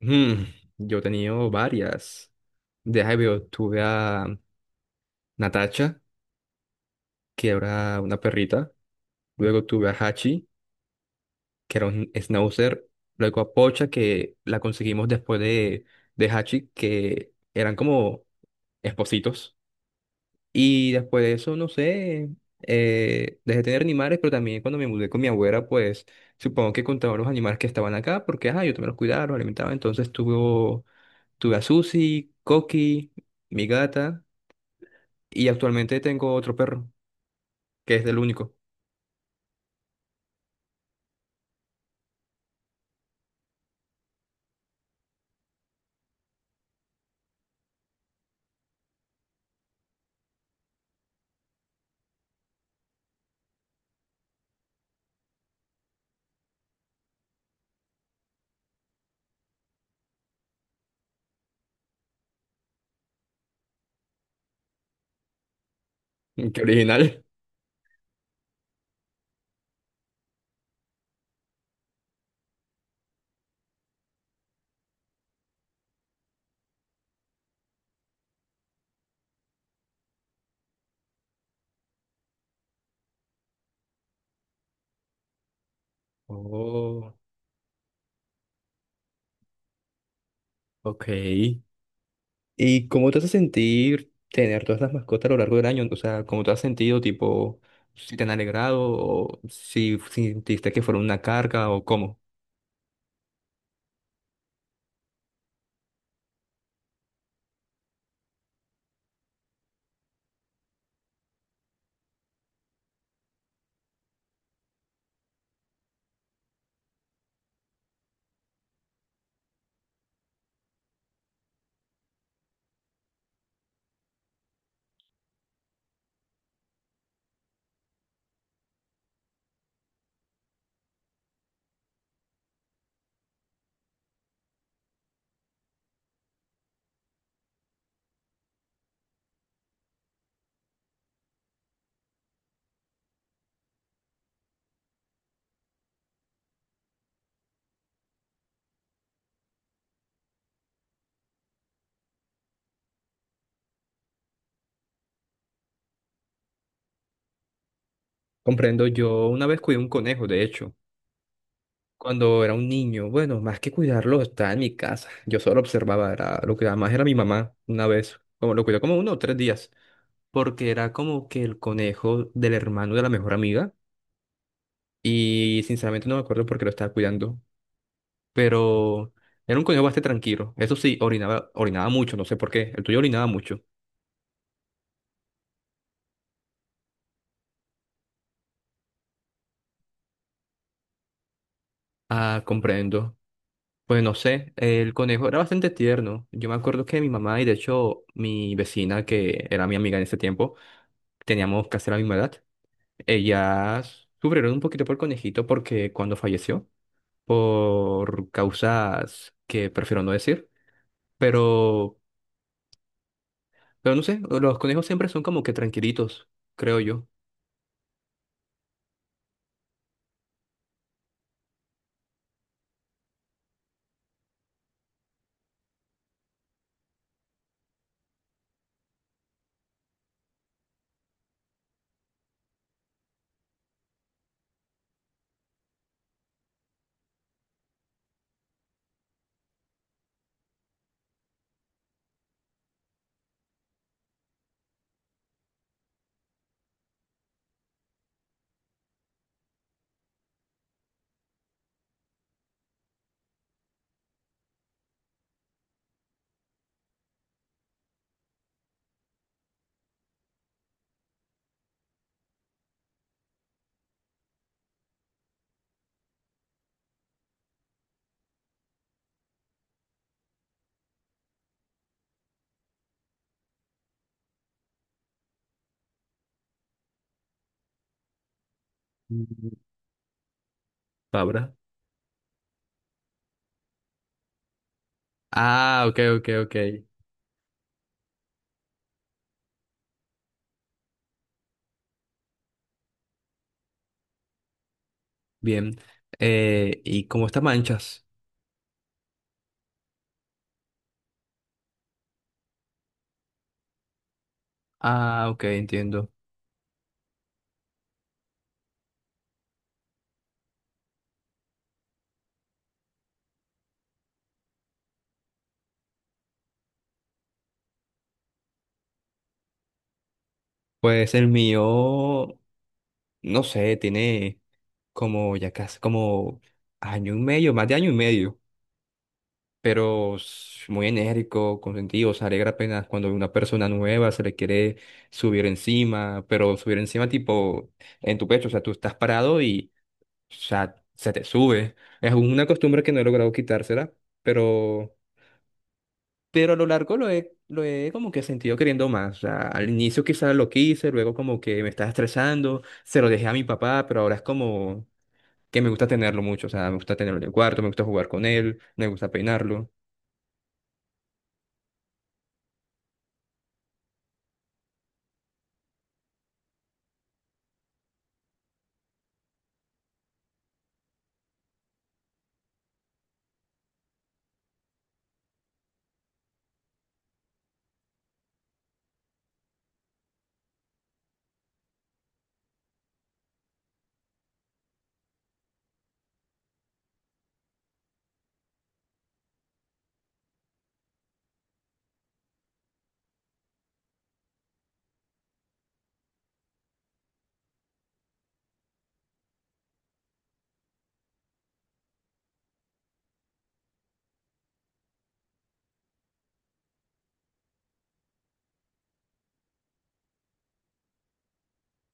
Mm, yo he tenido varias. De Jaibeo tuve a Natasha, que era una perrita. Luego tuve a Hachi, que era un schnauzer. Luego a Pocha, que la conseguimos después de Hachi, que eran como espositos. Y después de eso, no sé, dejé de tener animales, pero también cuando me mudé con mi abuela, pues supongo que contaba los animales que estaban acá, porque ajá, yo también los cuidaba, los alimentaba. Entonces tuve a Susi, Coqui, mi gata. Y actualmente tengo otro perro, que es el único. Qué original. Oh, ok. ¿Y cómo te hace sentir tener todas las mascotas a lo largo del año? O sea, ¿cómo te has sentido, tipo, si te han alegrado o si sentiste que fueron una carga o cómo? Comprendo, yo una vez cuidé un conejo, de hecho, cuando era un niño. Bueno, más que cuidarlo, estaba en mi casa. Yo solo observaba, era, lo que más era mi mamá una vez. Como lo cuidó como uno o 3 días, porque era como que el conejo del hermano de la mejor amiga. Y sinceramente no me acuerdo por qué lo estaba cuidando, pero era un conejo bastante tranquilo. Eso sí, orinaba, orinaba mucho, no sé por qué. ¿El tuyo orinaba mucho? Ah, comprendo. Pues no sé, el conejo era bastante tierno. Yo me acuerdo que mi mamá y de hecho mi vecina, que era mi amiga en ese tiempo, teníamos casi la misma edad. Ellas sufrieron un poquito por el conejito porque cuando falleció, por causas que prefiero no decir, pero, pero, no sé, los conejos siempre son como que tranquilitos, creo yo. Mm, Fabra. Ah, ok, ok, ok. Bien. ¿Y cómo está manchas? Ah, ok, entiendo. Pues el mío, no sé, tiene como ya casi como año y medio, más de año y medio, pero es muy enérgico, consentido, se alegra apenas cuando una persona nueva se le quiere subir encima, pero subir encima tipo en tu pecho, o sea, tú estás parado y, o sea, se te sube. Es una costumbre que no he logrado quitársela, pero... pero a lo largo lo he como que sentido queriendo más. O sea, al inicio quizás lo quise, luego como que me estaba estresando, se lo dejé a mi papá, pero ahora es como que me gusta tenerlo mucho. O sea, me gusta tenerlo en el cuarto, me gusta jugar con él, me gusta peinarlo.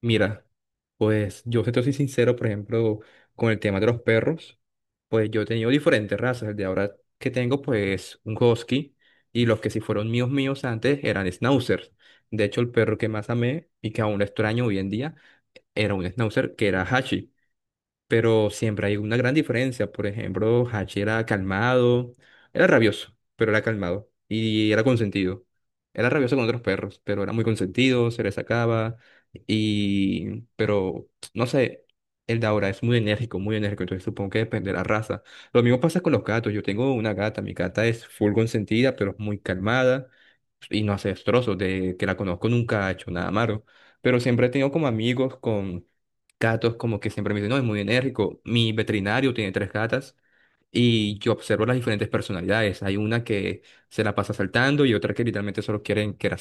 Mira, pues yo si te soy sincero, por ejemplo, con el tema de los perros, pues yo he tenido diferentes razas. El de ahora que tengo, pues un husky, y los que sí fueron míos míos antes eran schnauzers. De hecho, el perro que más amé y que aún lo extraño hoy en día era un schnauzer que era Hachi. Pero siempre hay una gran diferencia. Por ejemplo, Hachi era calmado, era rabioso, pero era calmado y era consentido. Era rabioso con otros perros, pero era muy consentido, se le sacaba. Y, pero, no sé, el de ahora es muy enérgico, entonces supongo que depende de la raza. Lo mismo pasa con los gatos. Yo tengo una gata, mi gata es full consentida, pero es muy calmada y no hace destrozos. De que la conozco nunca ha hecho nada malo. Pero siempre he tenido como amigos con gatos como que siempre me dicen, no, es muy enérgico. Mi veterinario tiene tres gatas y yo observo las diferentes personalidades. Hay una que se la pasa saltando y otra que literalmente solo quieren que la...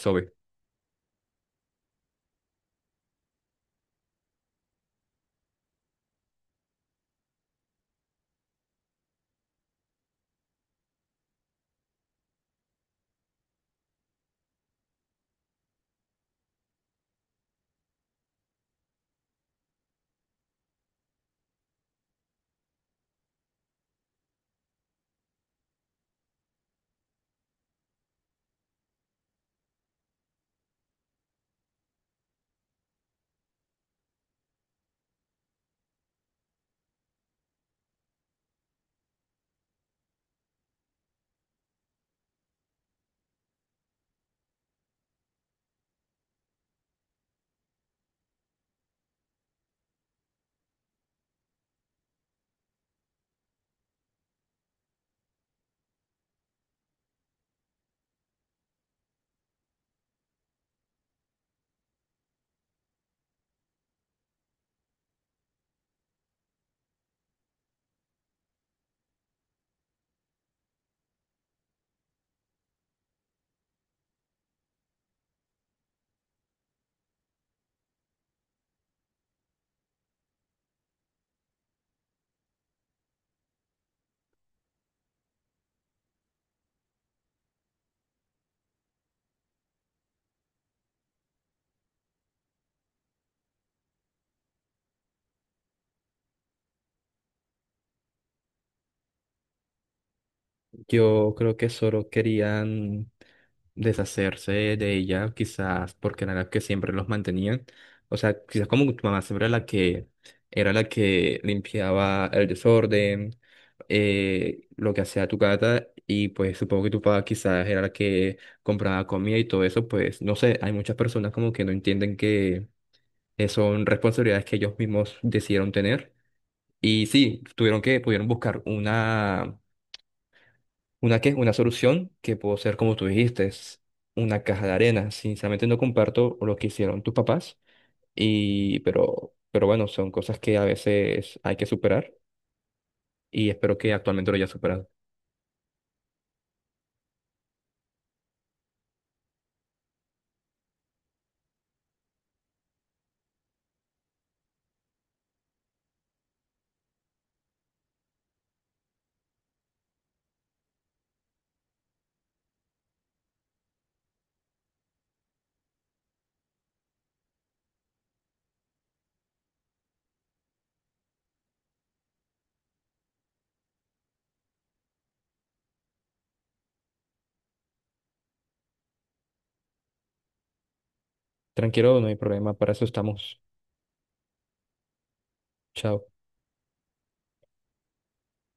Yo creo que solo querían deshacerse de ella, quizás porque era la que siempre los mantenían. O sea, quizás como tu mamá siempre era la que limpiaba el desorden, lo que hacía tu gata, y pues supongo que tu papá quizás era la que compraba comida y todo eso, pues no sé, hay muchas personas como que no entienden que son responsabilidades que ellos mismos decidieron tener. Y sí, tuvieron que, pudieron buscar una... ¿Una qué? Una solución que puede ser, como tú dijiste, es una caja de arena. Sinceramente no comparto lo que hicieron tus papás, y, pero, bueno, son cosas que a veces hay que superar y espero que actualmente lo hayas superado. Tranquilo, no hay problema, para eso estamos. Chao.